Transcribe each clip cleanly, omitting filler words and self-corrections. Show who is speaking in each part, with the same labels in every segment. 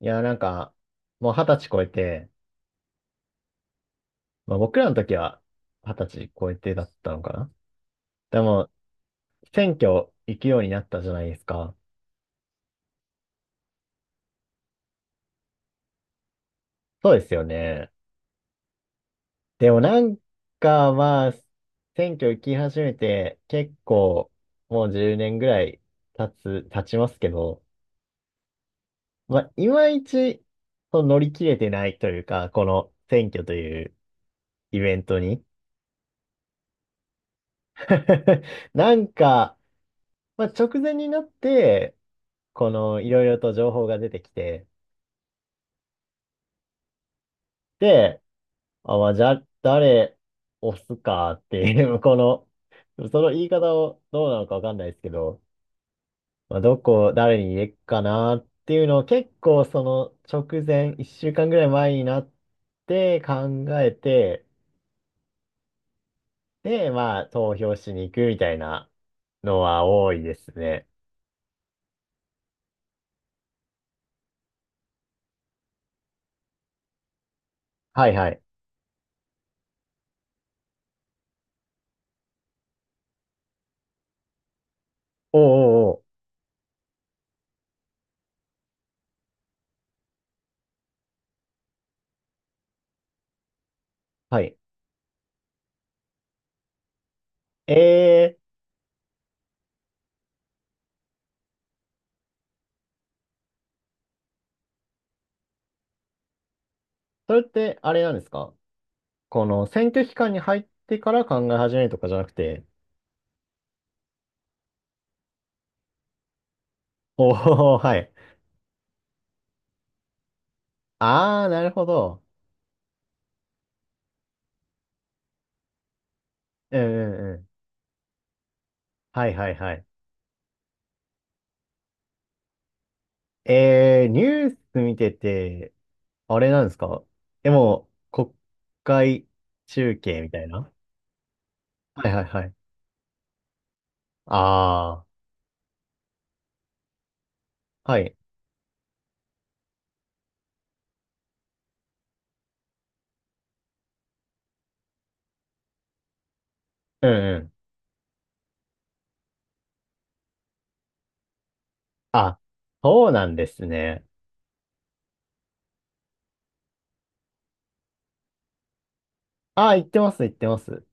Speaker 1: いや、もう二十歳超えて、まあ僕らの時は二十歳超えてだったのかな。でも、選挙行くようになったじゃないですか。そうですよね。でもか、まあ、選挙行き始めて結構もう10年ぐらい経ちますけど、まあ、いまいちその乗り切れてないというか、この選挙というイベントに。なんか、直前になって、いろいろと情報が出てきて、で、じゃあ、誰押すかっていう、その言い方をどうなのかわかんないですけど、まあ、どこ、誰に入れっかなっていうのを結構その直前、1週間ぐらい前になって考えて、で、まあ、投票しに行くみたいなのは多いですね。はいはい。おうおうおう。はい。えー、それってあれなんですか？この選挙期間に入ってから考え始めるとかじゃなくて。おー、はい。あー、なるほど。うんうんうん。はいはいはい。えー、ニュース見てて、あれなんですか？でも、国会中継みたいな。はいはいはい。あー、はい。うんうん。あ、そうなんですね。あー、言ってます、言ってます。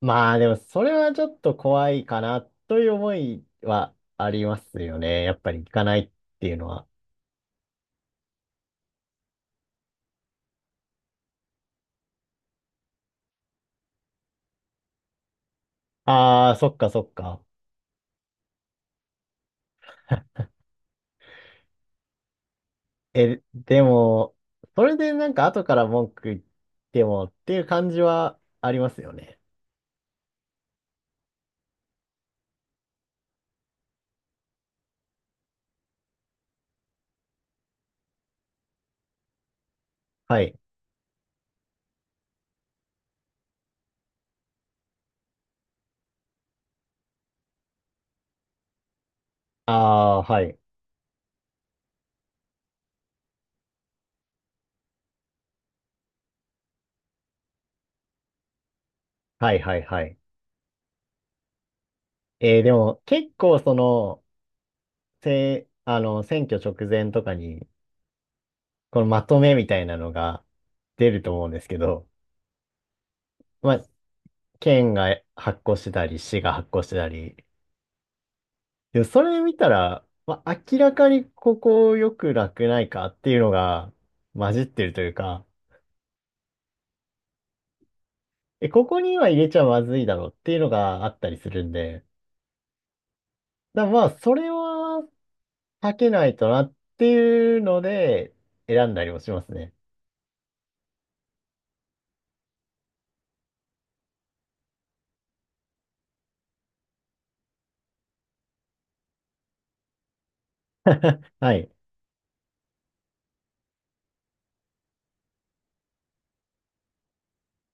Speaker 1: まあでも、それはちょっと怖いかな、という思いはありますよね。やっぱり行かないっていうのは。ああ、そっかそっか。え、でも、それでなんか後から文句言ってもっていう感じはありますよね。はい。ああ、はい。はいはいはい。えーでも結構その、せ、あの、選挙直前とかに、このまとめみたいなのが出ると思うんですけど、まあ、県が発行してたり、市が発行してたり、でもそれ見たら、まあ、明らかにここよくなくないかっていうのが混じってるというか、え、ここには入れちゃまずいだろうっていうのがあったりするんで、だからまあ、それは避けないとなっていうので、選んだりもしますね。はい。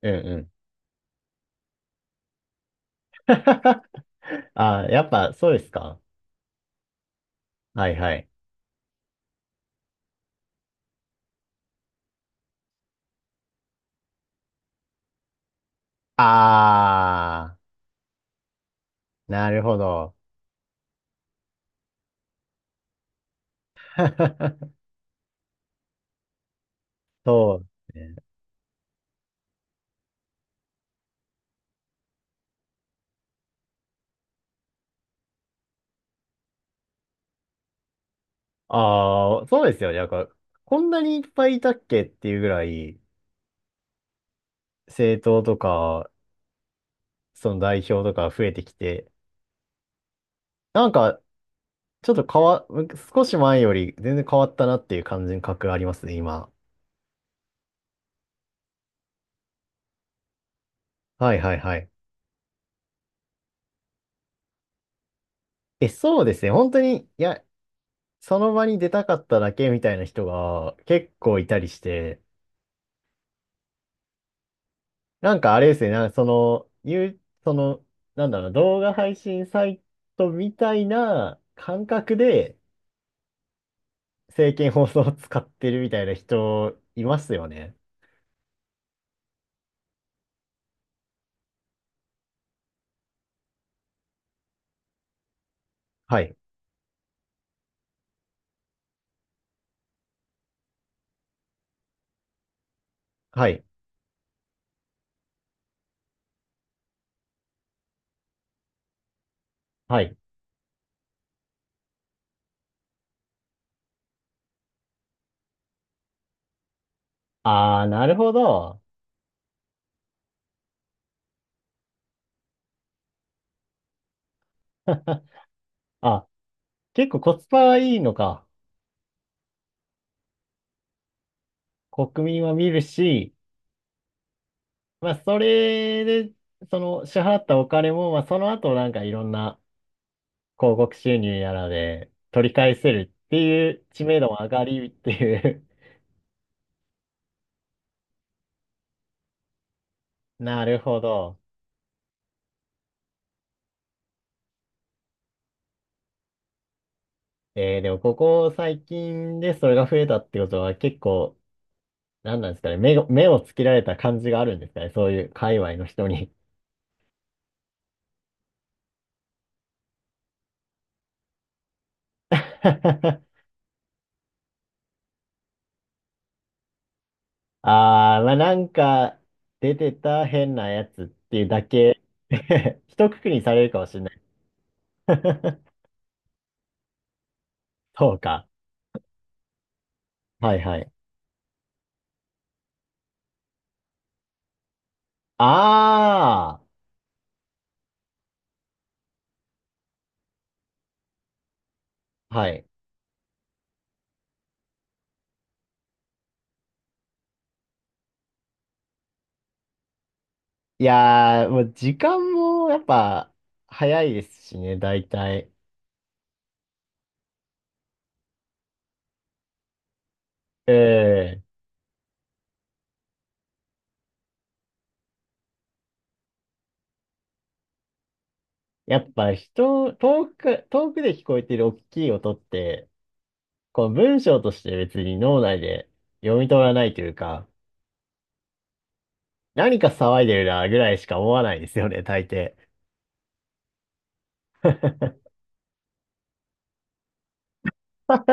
Speaker 1: うんうん。あー、やっぱそうですか？はいはい。あー、なるほど。そうですね。ああ、そうですよね。なんか、こんなにいっぱいいたっけっていうぐらい、政党とか、その代表とか増えてきて、なんか、ちょっと変わ、少し前より全然変わったなっていう感じの感覚ありますね、今。はいはいはい。え、そうですね。本当に、いや、その場に出たかっただけみたいな人が結構いたりして、なんかあれですね、なんかその、動画配信サイトみたいな感覚で政見放送を使ってるみたいな人いますよね。はい。はい。はい。あー、なるほど。あ、結構コスパいいのか。国民は見るし、まあ、それで、その支払ったお金も、まあ、その後なんかいろんな広告収入やらで取り返せるっていう知名度も上がりっていう。 なるほど。えー、でもここ最近でそれが増えたってことは結構、なんなんですかね、目をつけられた感じがあるんですかね、そういう界隈の人に。ああ、まあなんか出てた変なやつっていうだけ。 一括りにされるかもしれない。 そうか。はいはい。ああ、はい。いやー、もう時間もやっぱ早いですしね、大体。ええ、やっぱ人、遠く、遠くで聞こえてる大きい音って、この文章として別に脳内で読み取らないというか、何か騒いでるなぐらいしか思わないですよね、大抵。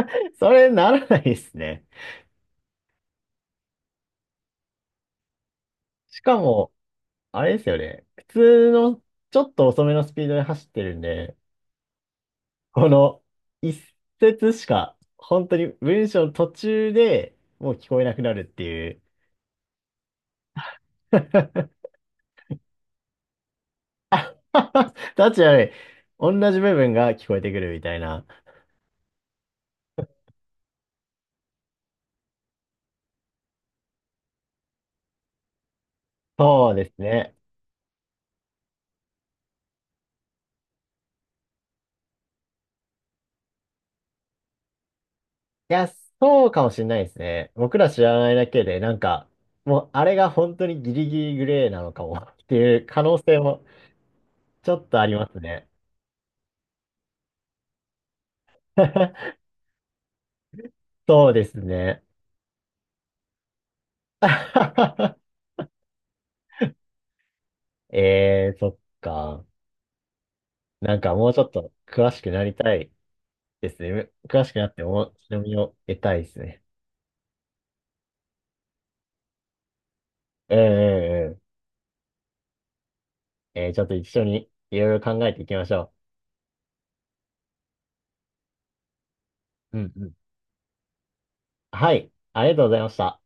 Speaker 1: それならないですね。しかも、あれですよね。普通のちょっと遅めのスピードで走ってるんで、この一節しか、本当に文章の途中でもう聞こえなくなるっていう。タッチ悪い。同じ部分が聞こえてくるみたいな。そうですね。いや、そうかもしれないですね。僕ら知らないだけで、なんか、もうあれが本当にギリギリグレーなのかもっていう可能性もちょっとありますね。そうですね。えー、そっか。なんかもうちょっと詳しくなりたいですね。詳しくなって面白みを得たいですね。うんうんうん。えーちょっと一緒にいろいろ考えていきましょう。んうん。うん。はい。ありがとうございました。